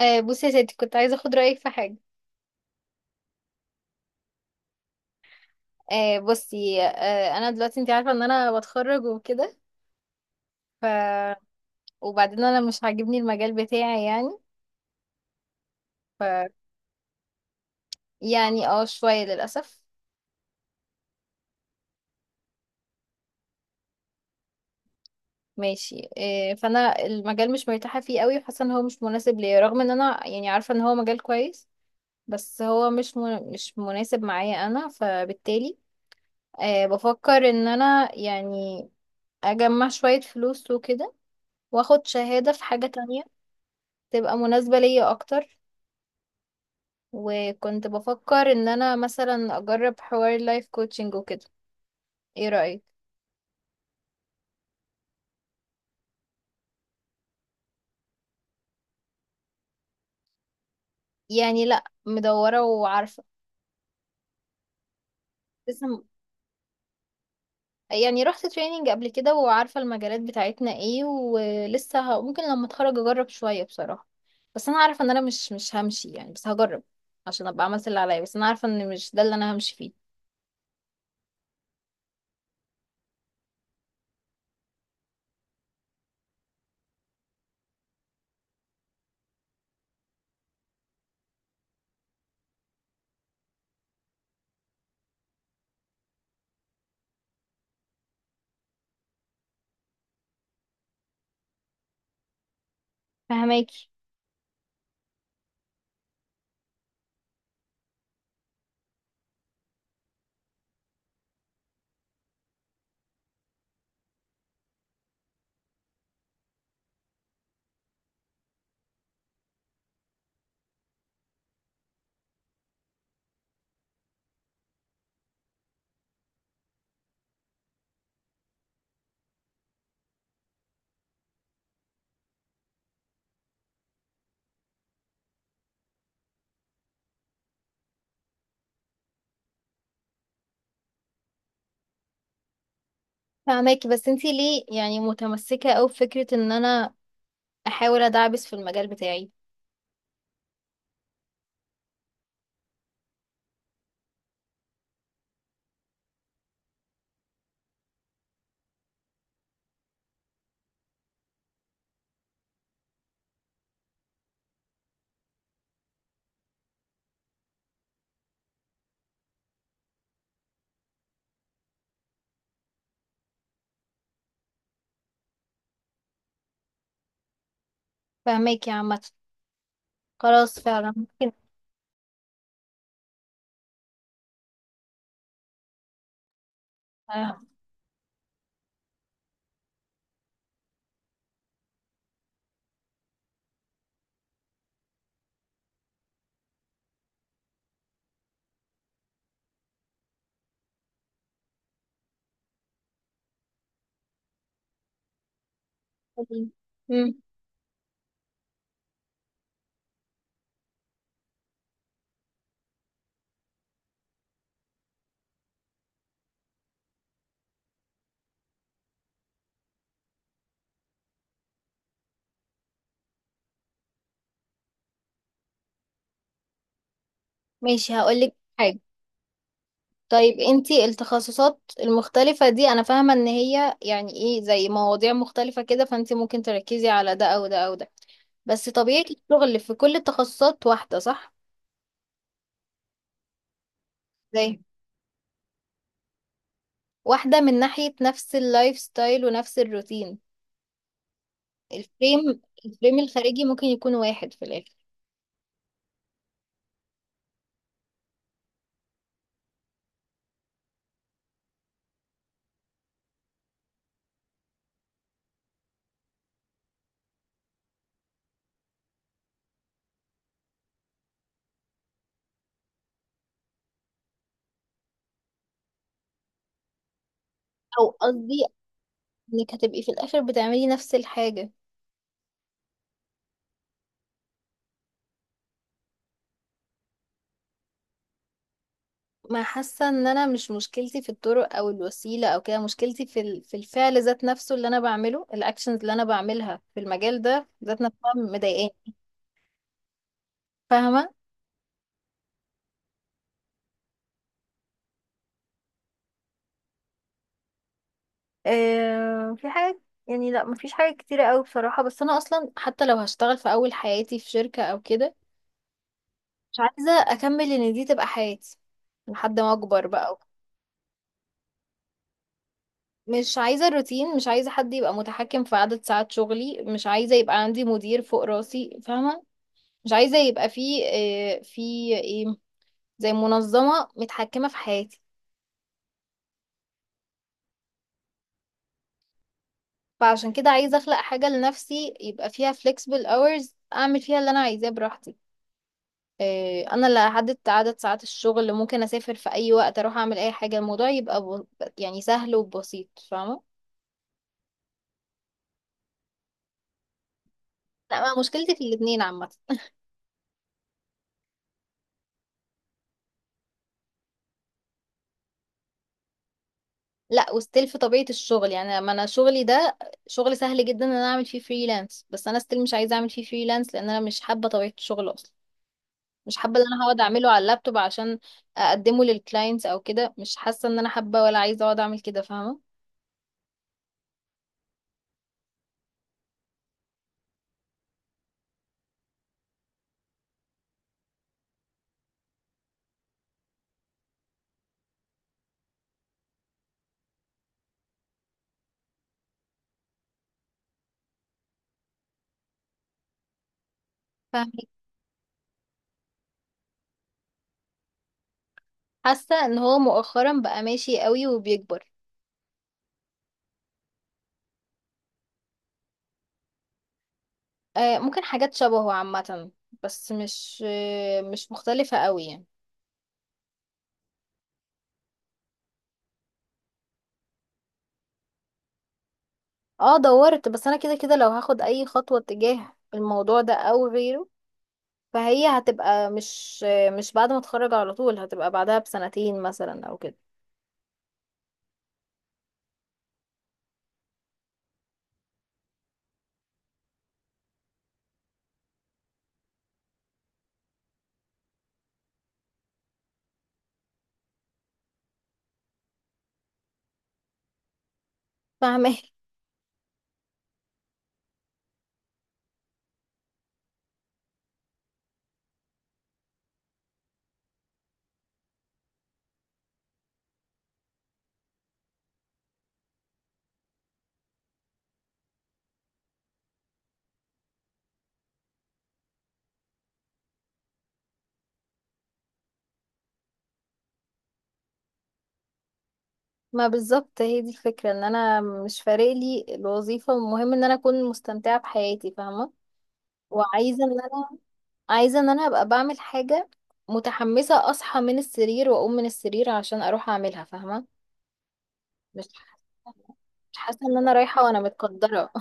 بصي يا ستي، كنت عايزه اخد رايك في حاجه. آه، بصي آه، انا دلوقتي انت عارفه ان انا بتخرج وكده. ف وبعدين انا مش عاجبني المجال بتاعي يعني. ف يعني شويه للاسف. ماشي. فانا المجال مش مرتاحه فيه قوي، وحاسه ان هو مش مناسب ليا، رغم ان انا يعني عارفه ان هو مجال كويس. بس هو مش مناسب معايا انا، فبالتالي بفكر ان انا يعني اجمع شويه فلوس وكده، واخد شهاده في حاجه تانية تبقى مناسبة ليا أكتر. وكنت بفكر ان انا مثلا اجرب حوار لايف كوتشنج وكده. ايه رأيك؟ يعني لا، مدورة وعارفة. لسه م- يعني رحت تريننج قبل كده وعارفة المجالات بتاعتنا ايه، ولسه ممكن لما اتخرج اجرب شوية بصراحة. بس انا عارفة ان انا مش همشي يعني، بس هجرب عشان ابقى عملت اللي عليا، بس انا عارفة ان مش ده اللي انا همشي فيه. فهماكي. فهماكي، بس انتي ليه يعني متمسكة اوي بفكرة ان انا احاول ادعبس في المجال بتاعي؟ فهماكي عامة، خلاص، فعلا ممكن. مم. ماشي، هقولك حاجة. طيب انتي التخصصات المختلفة دي، انا فاهمة ان هي يعني ايه، زي مواضيع مختلفة كده، فانتي ممكن تركزي على ده او ده او ده. بس طبيعة الشغل في كل التخصصات واحدة، صح؟ زي واحدة من ناحية نفس اللايف ستايل ونفس الروتين. الفريم الخارجي ممكن يكون واحد في الاخر. او قصدي انك هتبقي في الاخر بتعملي نفس الحاجة. ما حاسه ان انا مش، مشكلتي في الطرق او الوسيله او كده، مشكلتي في الفعل ذات نفسه اللي انا بعمله، الاكشنز اللي انا بعملها في المجال ده ذات نفسها مضايقاني. فاهمه؟ في حاجه يعني، لا مفيش حاجه كتيره قوي بصراحه. بس انا اصلا حتى لو هشتغل في اول حياتي في شركه او كده، مش عايزه اكمل ان دي تبقى حياتي لحد ما اكبر بقى. مش عايزه الروتين، مش عايزه حد يبقى متحكم في عدد ساعات شغلي، مش عايزه يبقى عندي مدير فوق راسي، فاهمه؟ مش عايزة يبقى في في ايه، زي منظمة متحكمة في حياتي. فعشان كده عايزة اخلق حاجة لنفسي يبقى فيها flexible hours، اعمل فيها اللي انا عايزاه براحتي. انا اللي هحدد عدد ساعات الشغل، اللي ممكن اسافر في اي وقت، اروح اعمل اي حاجة، الموضوع يبقى يعني سهل وبسيط، فاهمة؟ لا، ما مشكلتي في الاتنين عامة. لا وستيل في طبيعة الشغل، يعني ما انا شغلي ده شغل سهل جدا ان انا اعمل فيه فريلانس، بس انا ستيل مش عايزة اعمل فيه فريلانس لان انا مش حابة طبيعة الشغل اصلا. مش حابة ان انا هقعد اعمله على اللابتوب عشان اقدمه للكلاينتس او كده. مش حاسة ان انا حابة ولا عايزة اقعد اعمل كده، فاهمة؟ فاهمة، حاسة ان هو مؤخرا بقى ماشي قوي وبيكبر. ممكن حاجات شبهه عامة، بس مش مختلفة قوي يعني. اه دورت، بس انا كده كده لو هاخد اي خطوة تجاه الموضوع ده او غيره، فهي هتبقى مش بعد ما اتخرج على طول، هتبقى بعدها بسنتين مثلا او كده. فاهمة؟ ما بالظبط هي دي الفكرة، ان انا مش فارق لي الوظيفة، المهم ان انا اكون مستمتعة بحياتي، فاهمة؟ وعايزة ان انا ابقى بعمل حاجة متحمسة، اصحى من السرير واقوم من السرير عشان اروح اعملها، فاهمة؟ مش حاسة مش حاسة ان انا رايحة وانا متقدرة.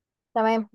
تمام.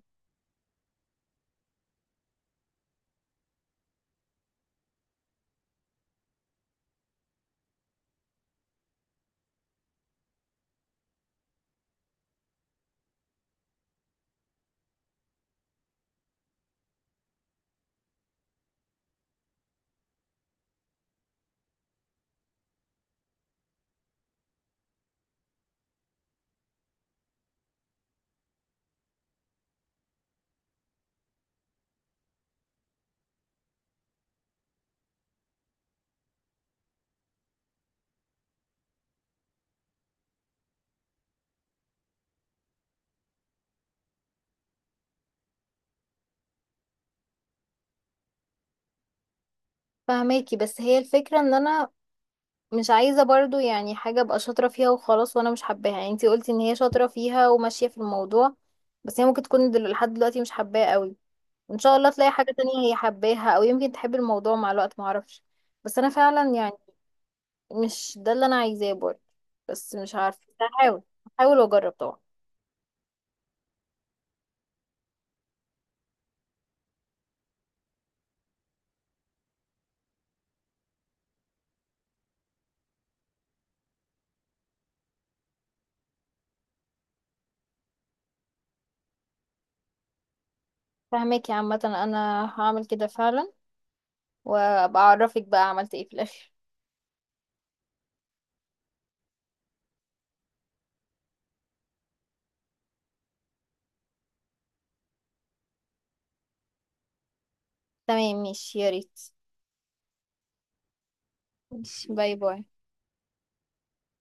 فهماكي، بس هي الفكرة ان انا مش عايزة برضو يعني حاجة ابقى شاطرة فيها وخلاص وانا مش حباها. يعني انتي قلتي ان هي شاطرة فيها وماشية في الموضوع، بس هي ممكن تكون لحد دلوقتي مش حباها قوي. ان شاء الله تلاقي حاجة تانية هي حباها، او يمكن تحب الموضوع مع الوقت، معرفش. بس انا فعلا يعني مش ده اللي انا عايزاه برضه. بس مش عارفة، هحاول واجرب طبعا. فهماكي عامة، انا هعمل كده فعلا، وابقى اعرفك بقى عملت ايه في الاخر. تمام ماشي، يا ريت. باي باي.